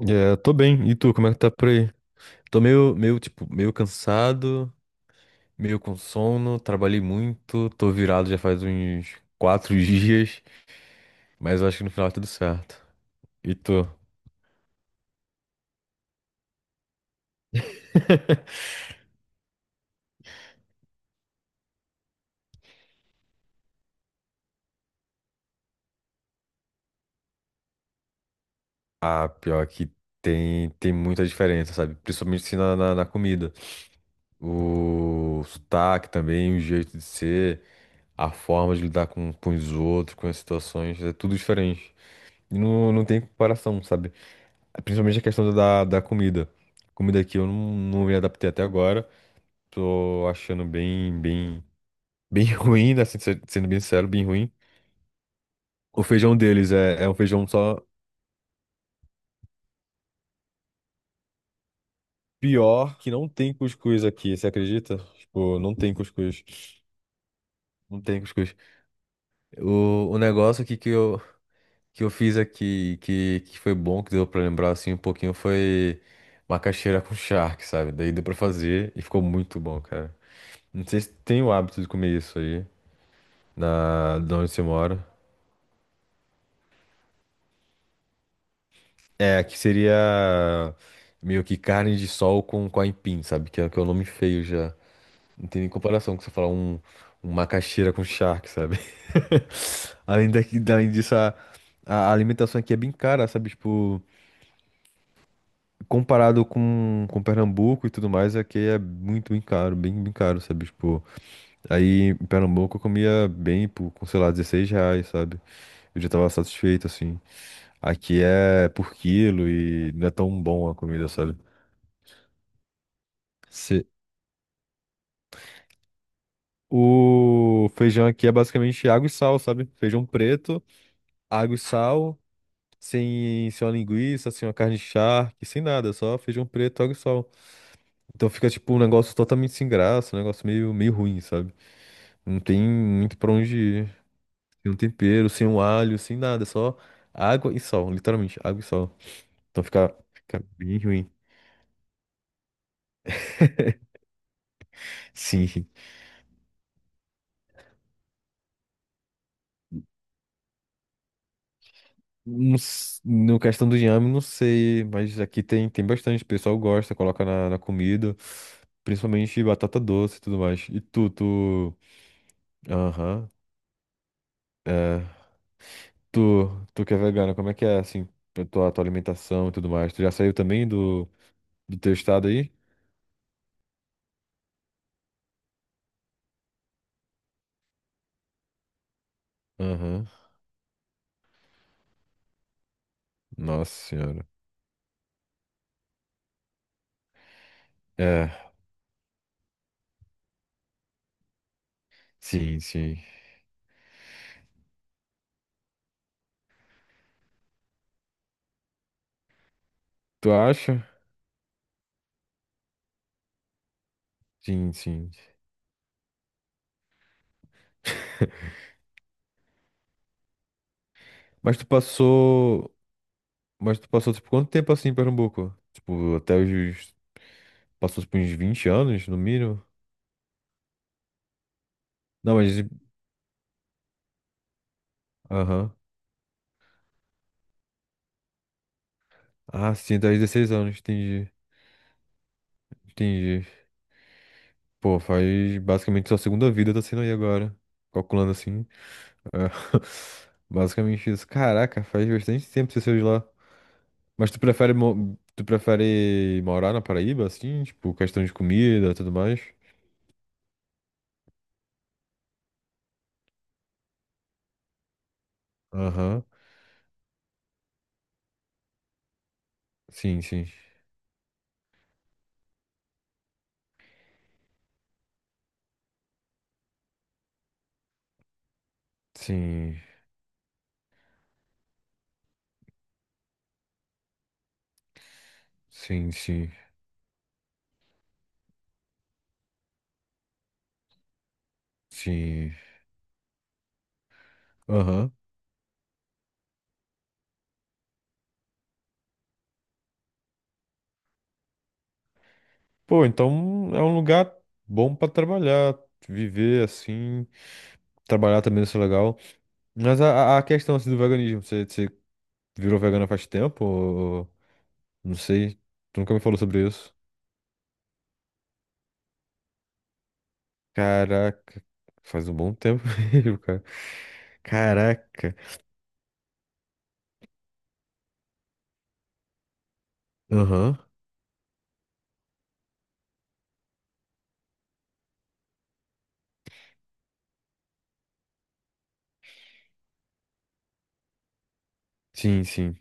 É, eu tô bem. E tu, como é que tá por aí? Tô meio, tipo, meio cansado, meio com sono, trabalhei muito, tô virado já faz uns 4 dias, mas eu acho que no final é tudo certo. E tu? Ah, pior que tem muita diferença, sabe? Principalmente assim na comida. O sotaque também, o jeito de ser, a forma de lidar com os outros, com as situações, é tudo diferente. E não tem comparação, sabe? Principalmente a questão da comida. Comida aqui eu não me adaptei até agora. Tô achando bem, bem, bem ruim, né? Sendo bem sincero, bem ruim. O feijão deles é um feijão só pior que não tem cuscuz aqui, você acredita? Tipo, não tem cuscuz. Não tem cuscuz. O negócio aqui que eu fiz aqui, que foi bom, que deu pra lembrar assim um pouquinho, foi macaxeira com charque, sabe? Daí deu pra fazer e ficou muito bom, cara. Não sei se tem o hábito de comer isso aí. De onde você mora. É, aqui seria meio que carne de sol com aipim, sabe? Que é o nome feio já. Não tem nem comparação com você falar um macaxeira com charque, sabe? Além daqui, além disso, a alimentação aqui é bem cara, sabe? Tipo, comparado com Pernambuco e tudo mais, aqui é muito, bem caro, bem, bem caro, sabe? Tipo, aí em Pernambuco eu comia bem, por, com, sei lá, 16 reais, sabe? Eu já tava satisfeito, assim. Aqui é por quilo e não é tão bom a comida, sabe? Se... O feijão aqui é basicamente água e sal, sabe? Feijão preto, água e sal, sem uma linguiça, sem uma carne charque, sem nada, só feijão preto, água e sal. Então fica tipo um negócio totalmente sem graça, um negócio meio ruim, sabe? Não tem muito pra onde ir. Sem um tempero, sem um alho, sem nada, só água e sal, literalmente, água e sal. Então fica bem ruim. Sim. No questão do inhame, não sei, mas aqui tem bastante. O pessoal gosta, coloca na comida, principalmente batata doce e tudo mais. E tu. Aham. Tu, tu que é vegana, como é que é, assim, a tua alimentação e tudo mais? Tu já saiu também do teu estado aí? Aham. Nossa senhora. É, sim, sim. Tu acha? Sim, sim. Mas tu passou. Mas tu passou, tipo, quanto tempo assim em Pernambuco? Tipo, até os. Passou, tipo, uns 20 anos, no mínimo? Não, mas Aham. Ah, sim, 10, 16 anos, entendi. Entendi. Pô, faz basicamente sua segunda vida tá sendo aí agora. Calculando assim. É. Basicamente isso. Caraca, faz bastante tempo que você saiu de lá. Mas tu prefere morar na Paraíba, assim? Tipo, questão de comida e tudo mais? Aham. Sim, sim. Sim. Sim, sim. Sim. Aham. Pô, então é um lugar bom pra trabalhar, viver assim, trabalhar também deve ser legal. Mas a questão assim do veganismo, você virou vegana faz tempo? Ou... Não sei. Tu nunca me falou sobre isso. Caraca, faz um bom tempo mesmo, cara. Caraca. Aham. Sim, sim.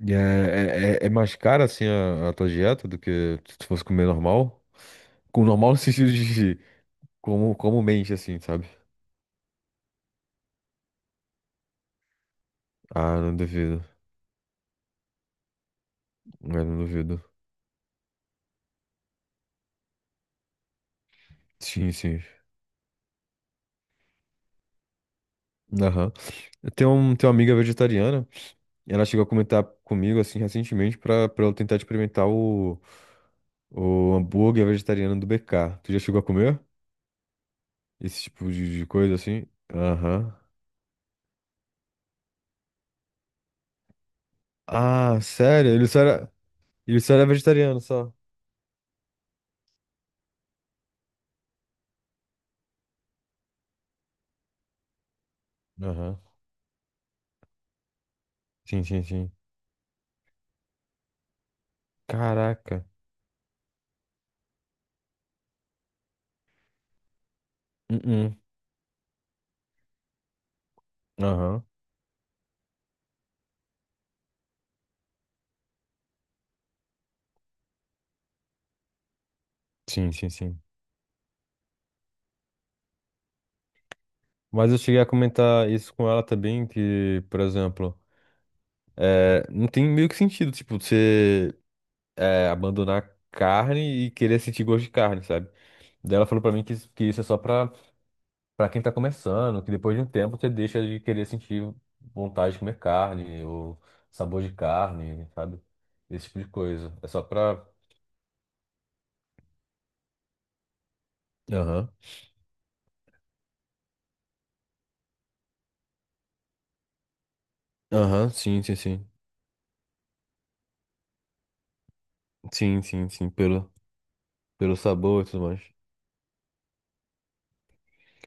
E é, é mais cara assim a tua dieta do que se tu fosse comer normal? Com normal no sentido de como mente assim, sabe? Ah, não duvido. É, não duvido. Sim, sim. Aham. Eu tenho uma amiga vegetariana, e ela chegou a comentar comigo, assim, recentemente, pra eu tentar experimentar o hambúrguer vegetariano do BK. Tu já chegou a comer? Esse tipo de coisa, assim? Aham. Ah, sério? Ele só era, vegetariano, só. Aham. Sim, sim, sim. Caraca. Uh-uh. Aham. Sim, sim, sim. Mas eu cheguei a comentar isso com ela também, que, por exemplo, não tem meio que sentido, tipo, você abandonar carne e querer sentir gosto de carne, sabe? Daí ela falou pra mim que, isso é só pra, pra quem tá começando, que depois de um tempo você deixa de querer sentir vontade de comer carne, ou sabor de carne, sabe? Esse tipo de coisa. É só pra. Aham. Aham, sim, sim, sim. Sim, sim, sim, pelo sabor e tudo mais.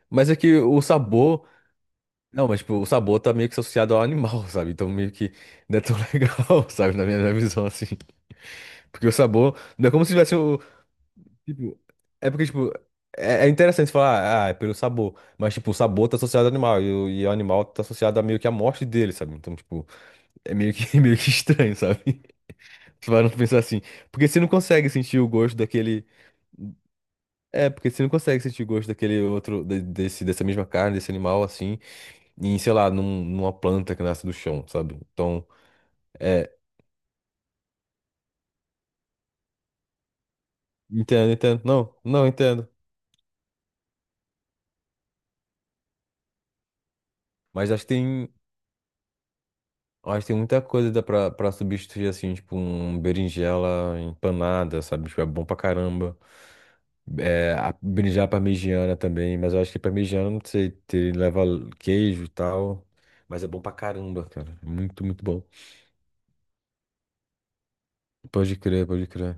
Mas é que o sabor. Não, mas tipo, o sabor tá meio que associado ao animal, sabe? Então meio que não é tão legal, sabe? Na minha visão, assim. Porque o sabor. Não é como se tivesse. Tipo, é porque, tipo, é interessante falar, ah, é pelo sabor. Mas, tipo, o sabor tá associado ao animal. E o animal tá associado a meio que a morte dele, sabe? Então, tipo, é meio que, é meio que estranho, sabe? Você vai não pensar assim. Porque você não consegue sentir o gosto daquele. É, porque você não consegue sentir o gosto daquele outro, desse, dessa mesma carne, desse animal, assim, em, sei lá, numa planta que nasce do chão, sabe? Então, é. Entendo, entendo. Não, não entendo. Mas acho que tem. Eu acho que tem muita coisa dá pra substituir, assim, tipo, um berinjela empanada, sabe? Tipo, é bom pra caramba. É, a berinjela parmegiana também, mas eu acho que parmegiana, não sei, te leva queijo e tal. Mas é bom pra caramba, cara. É muito, muito bom. Pode crer, pode crer.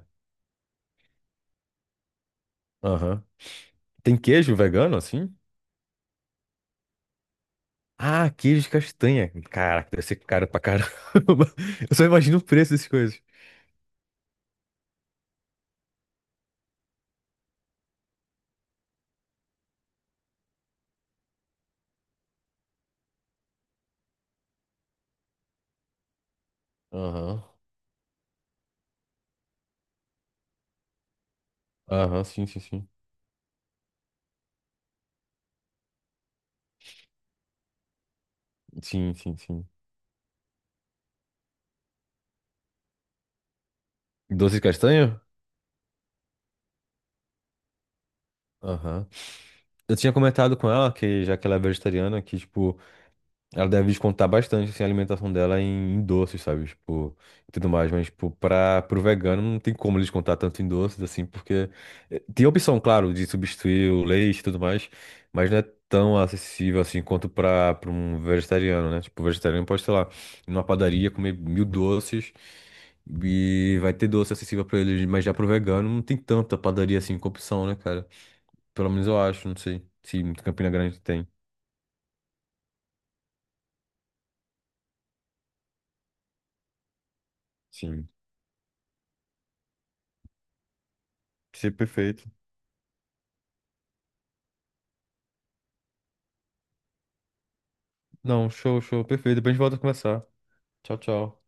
Aham. Tem queijo vegano, assim? Ah, queijo de castanha. Caraca, deve ser caro pra caramba. Eu só imagino o preço dessas coisas. Aham. Aham, sim, sim, sim. Sim, sim, sim. Doce de castanha? Aham. Eu tinha comentado com ela que, já que ela é vegetariana, que, tipo, ela deve descontar bastante, assim, a alimentação dela em doces, sabe? Tipo, e tudo mais. Mas, tipo, pro vegano não tem como ele descontar tanto em doces, assim, porque tem a opção, claro, de substituir o leite e tudo mais, mas não é tão acessível, assim, quanto pra um vegetariano, né? Tipo, o vegetariano pode, sei lá, ir numa padaria, comer mil doces e vai ter doce acessível pra ele, mas já pro vegano não tem tanta padaria, assim, com opção, né, cara? Pelo menos eu acho, não sei se Campina Grande tem. Sim. Ser perfeito. Não, show, show, perfeito. Depois a gente volta a conversar. Tchau, tchau.